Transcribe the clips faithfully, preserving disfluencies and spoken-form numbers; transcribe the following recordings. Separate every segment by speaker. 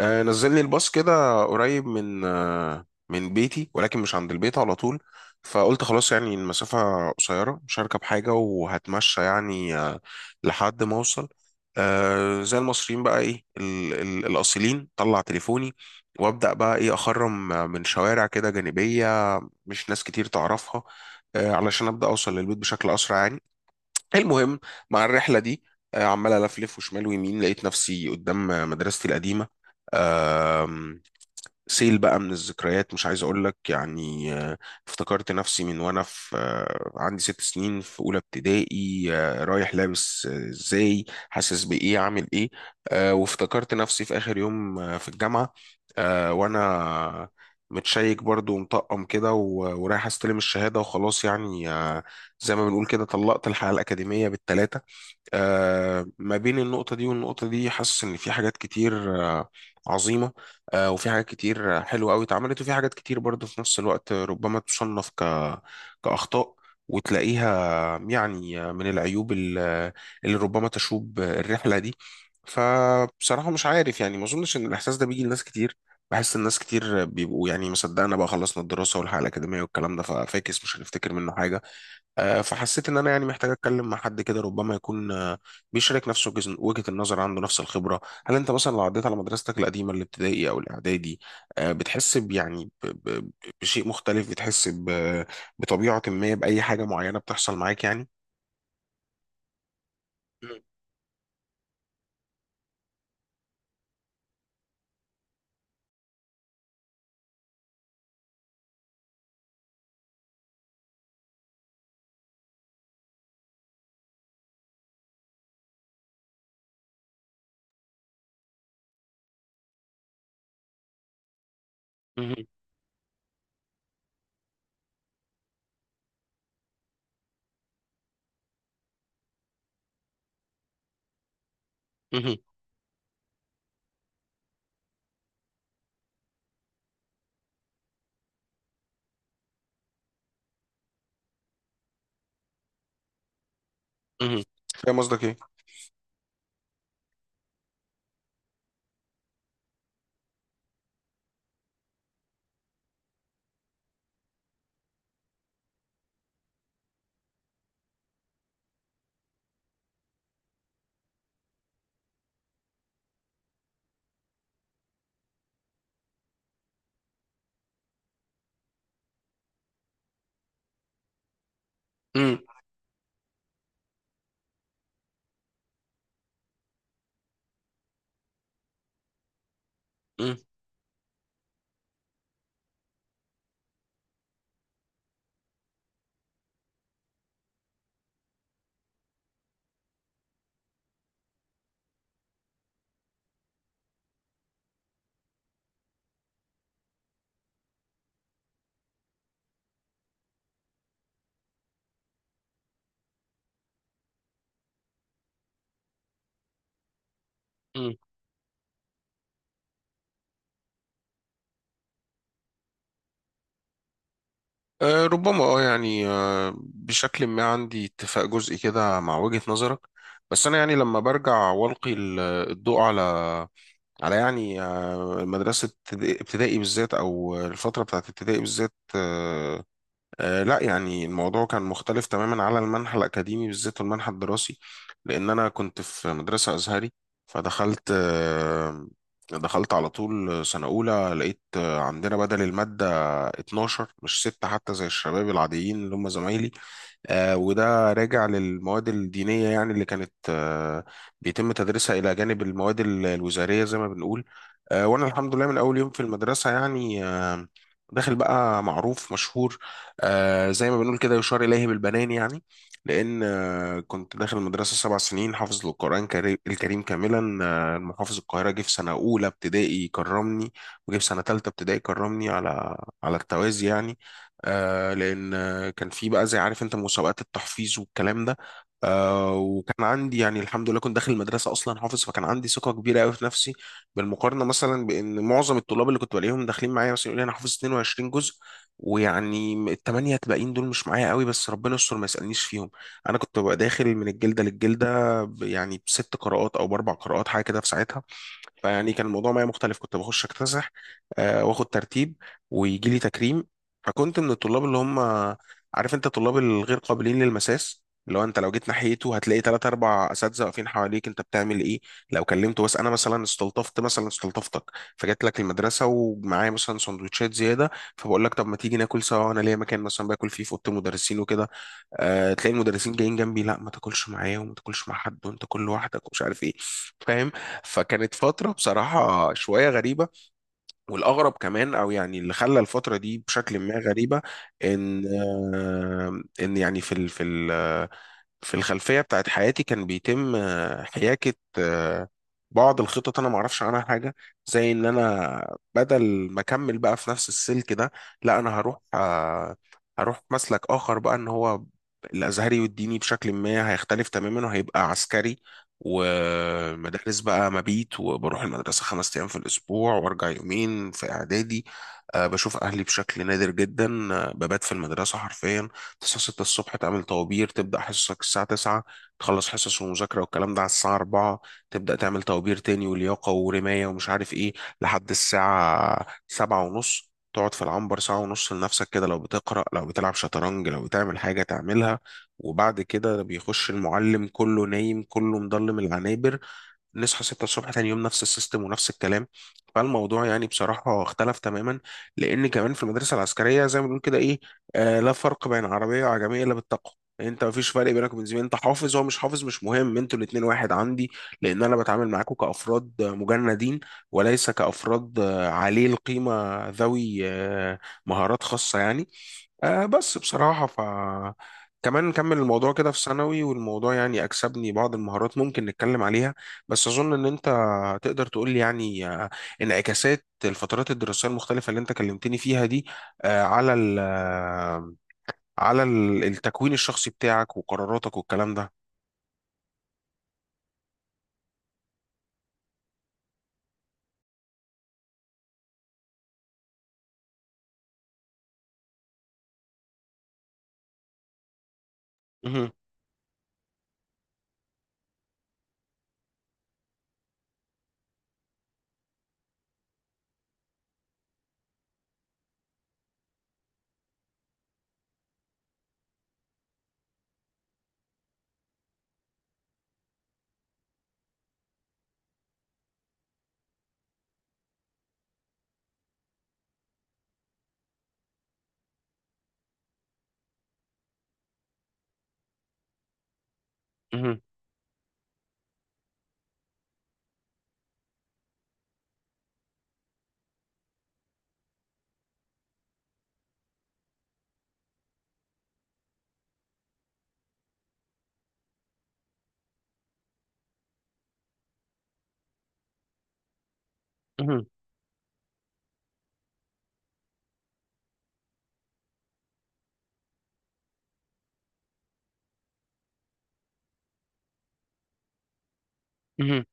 Speaker 1: آه، نزلني الباص كده قريب من آه، من بيتي، ولكن مش عند البيت على طول. فقلت خلاص يعني المسافة قصيرة، مش هركب حاجة وهتمشى يعني آه، لحد ما أوصل. آه، زي المصريين بقى إيه ال- ال- الأصيلين، طلع تليفوني وأبدأ بقى إيه أخرم من شوارع كده جانبية، مش ناس كتير تعرفها، آه، علشان أبدأ أوصل للبيت بشكل أسرع يعني. المهم، مع الرحلة دي، آه، عمال ألفلف وشمال ويمين، لقيت نفسي قدام مدرستي القديمة. سيل بقى من الذكريات مش عايز اقول لك يعني آه، افتكرت نفسي من وانا في آه، عندي ست سنين في اولى ابتدائي، آه، رايح لابس آه، ازاي، حاسس بايه، عامل ايه. آه، وافتكرت نفسي في اخر يوم آه، في الجامعة، آه، وانا متشيك برضو ومطقم كده و- ورايح استلم الشهادة وخلاص يعني آه، زي ما بنقول كده طلقت الحياة الأكاديمية بالثلاثة. آه، ما بين النقطة دي والنقطة دي، حاسس إن في حاجات كتير آه، عظيمة، آه، وفي حاجات كتير آه، حلوة أوي اتعملت، وفي حاجات كتير برضه في نفس الوقت ربما تصنف ك... كأخطاء، وتلاقيها يعني من العيوب ال- اللي ربما تشوب الرحلة دي. فبصراحة مش عارف يعني ما أظنش إن الإحساس ده بيجي لناس كتير، بحس الناس كتير بيبقوا يعني مصدقنا بقى خلصنا الدراسة والحياة الأكاديمية والكلام ده، ففاكس مش هنفتكر منه حاجة. آه، فحسيت ان انا يعني محتاج اتكلم مع حد كده، ربما يكون آه، بيشارك نفس وجز- وجهة النظر، عنده نفس الخبرة. هل انت مثلا لو عديت على مدرستك القديمة الابتدائي او الاعدادي، آه، بتحس ب- يعني ب- ب- بشيء مختلف؟ بتحس ب- بطبيعة ما بأي حاجة معينة بتحصل معاك يعني؟ مم. مم. مم. مم. فاهم قصدك ايه؟ مم. مم. مم. آه، ربما اه يعني آه، بشكل ما عندي اتفاق جزئي كده مع وجهة نظرك. بس انا يعني لما برجع والقي ال- الضوء على على يعني آه، مدرسة ابتدائي ابتدائي بالذات أو الفترة بتاعت ابتدائي بالذات، آه، آه، لا يعني الموضوع كان مختلف تماما على المنحى الأكاديمي بالذات والمنحى الدراسي. لأن أنا كنت في مدرسة أزهري، فدخلت آه، دخلت على طول سنة أولى، لقيت آه، عندنا بدل المادة اتناشر مش ستة حتى زي الشباب العاديين اللي هم زمايلي. آه، وده راجع للمواد الدينية يعني اللي كانت آه، بيتم تدريسها إلى جانب المواد ال- الوزارية زي ما بنقول. آه، وأنا الحمد لله من أول يوم في المدرسة يعني آه، داخل بقى معروف مشهور، آه، زي ما بنقول كده يشار إليه بالبنان يعني. لأن آه، كنت داخل المدرسة سبع سنين حافظ القرآن كري- الكريم كاملا. آه، المحافظ القاهرة جه في سنة أولى ابتدائي كرمني، وجه في سنة تالتة ابتدائي كرمني، على على التوازي يعني. آه، لأن آه، كان في بقى زي عارف انت مسابقات التحفيظ والكلام ده. آه، وكان عندي يعني الحمد لله كنت داخل المدرسه اصلا حافظ، فكان عندي ثقه كبيره قوي في نفسي، بالمقارنه مثلا بان معظم الطلاب اللي كنت بلاقيهم داخلين معايا مثلا يقول لي انا حافظ 22 جزء، ويعني الثمانيه الباقيين دول مش معايا قوي بس ربنا يستر ما يسالنيش فيهم. انا كنت ببقى داخل من الجلده للجلده ب- يعني بست قراءات او باربع قراءات حاجه كده في ساعتها. فيعني كان الموضوع معايا مختلف، كنت بخش اكتسح، آه، واخد ترتيب، ويجي لي تكريم. فكنت من الطلاب اللي هم عارف انت الطلاب الغير قابلين للمساس، اللي هو انت لو جيت ناحيته هتلاقي ثلاث اربع اساتذه واقفين حواليك انت بتعمل ايه. لو كلمته، بس انا مثلا استلطفت مثلا استلطفتك، فجيت لك المدرسه ومعايا مثلا سندوتشات زياده، فبقول لك طب ما تيجي ناكل سوا، انا ليا مكان مثلا باكل فيه في اوضه المدرسين وكده. آه، تلاقي المدرسين جايين جنبي، لا ما تاكلش معايا وما تاكلش مع حد وانت كل لوحدك ومش عارف ايه. فاهم؟ فكانت فترة بصراحة شوية غريبة. والأغرب كمان، أو يعني اللي خلى الفترة دي بشكل ما غريبة، إن آه، إن يعني في ال في ال في الخلفية بتاعت حياتي كان بيتم آه، حياكة آه، بعض الخطط، أنا معرفش عنها حاجة. زي إن أنا بدل ما أكمل بقى في نفس السلك ده، لا أنا هروح آه، هروح مسلك آخر بقى. إن هو الأزهري والديني بشكل ما هيختلف تماما وهيبقى عسكري، ومدارس بقى مبيت، وبروح المدرسة خمس أيام في الأسبوع وأرجع يومين في إعدادي. آه، بشوف أهلي بشكل نادر جدا، آه، ببات في المدرسة حرفيا. تصحى ستة الصبح تعمل طوابير، تبدأ حصصك الساعة تسعة، تخلص حصص ومذاكرة والكلام ده على الساعة اربعة، تبدأ تعمل طوابير تاني ولياقة ورماية ومش عارف ايه لحد الساعة 7 ونص. تقعد في العنبر ساعة ونص لنفسك كده، لو بتقرأ، لو بتلعب شطرنج، لو بتعمل حاجة تعملها. وبعد كده بيخش المعلم، كله نايم كله مضلم العنابر. نصحى ستة الصبح تاني يوم، نفس السيستم ونفس الكلام. فالموضوع يعني بصراحة اختلف تماما. لأن كمان في المدرسة العسكرية زي ما بنقول كده إيه، آه لا فرق بين عربية وعجمية إلا بالتقوى. انت مفيش فرق بينك وبين زميلك، انت حافظ هو مش حافظ مش مهم، انتوا الاتنين واحد عندي. لان انا بتعامل معاكم كافراد مجندين، وليس كافراد آه، عليه القيمه، ذوي آه، مهارات خاصه يعني. آه بس بصراحة ف، كمان نكمل الموضوع كده في ثانوي. والموضوع يعني أكسبني بعض المهارات ممكن نتكلم عليها. بس أظن إن أنت تقدر تقول لي يعني آه، انعكاسات الفترات الدراسية المختلفة اللي أنت كلمتني فيها دي، آه، على ال آه، على ال- التكوين الشخصي بتاعك وقراراتك والكلام ده. مهم، مهم، مهم، مهم،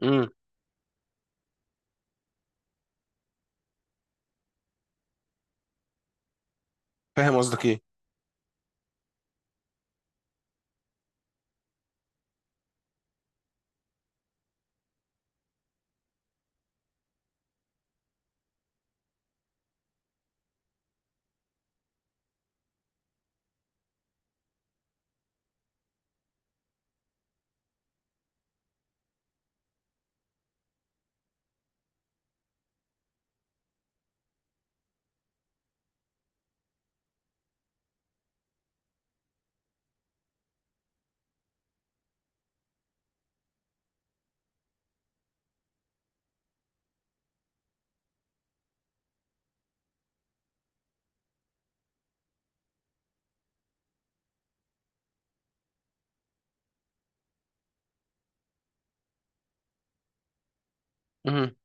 Speaker 1: مهم. فاهم قصدك إيه؟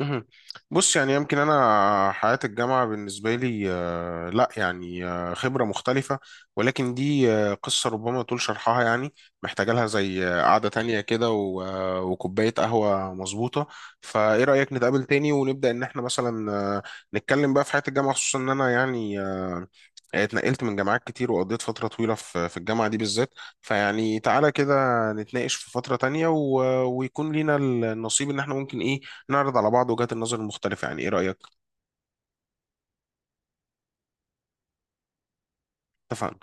Speaker 1: مهم. بص يعني يمكن انا حياة الجامعة بالنسبة لي آه، لا يعني آه، خبرة مختلفة، ولكن دي آه، قصة ربما طول شرحها يعني، محتاجة لها زي آه، قعدة تانية كده و- آه، وكوباية قهوة مظبوطة. فايه رأيك نتقابل تاني ونبدأ ان احنا مثلا آه، نتكلم بقى في حياة الجامعة؟ خصوصا ان انا يعني آه، اتنقلت من جامعات كتير وقضيت فترة طويلة في في الجامعة دي بالذات. فيعني تعالى كده نتناقش في فترة تانية، و- آه، ويكون لينا النصيب ان احنا ممكن ايه نعرض على بعض وجهات النظر المختلفة. يعني ايه رأيك؟ اتفقنا.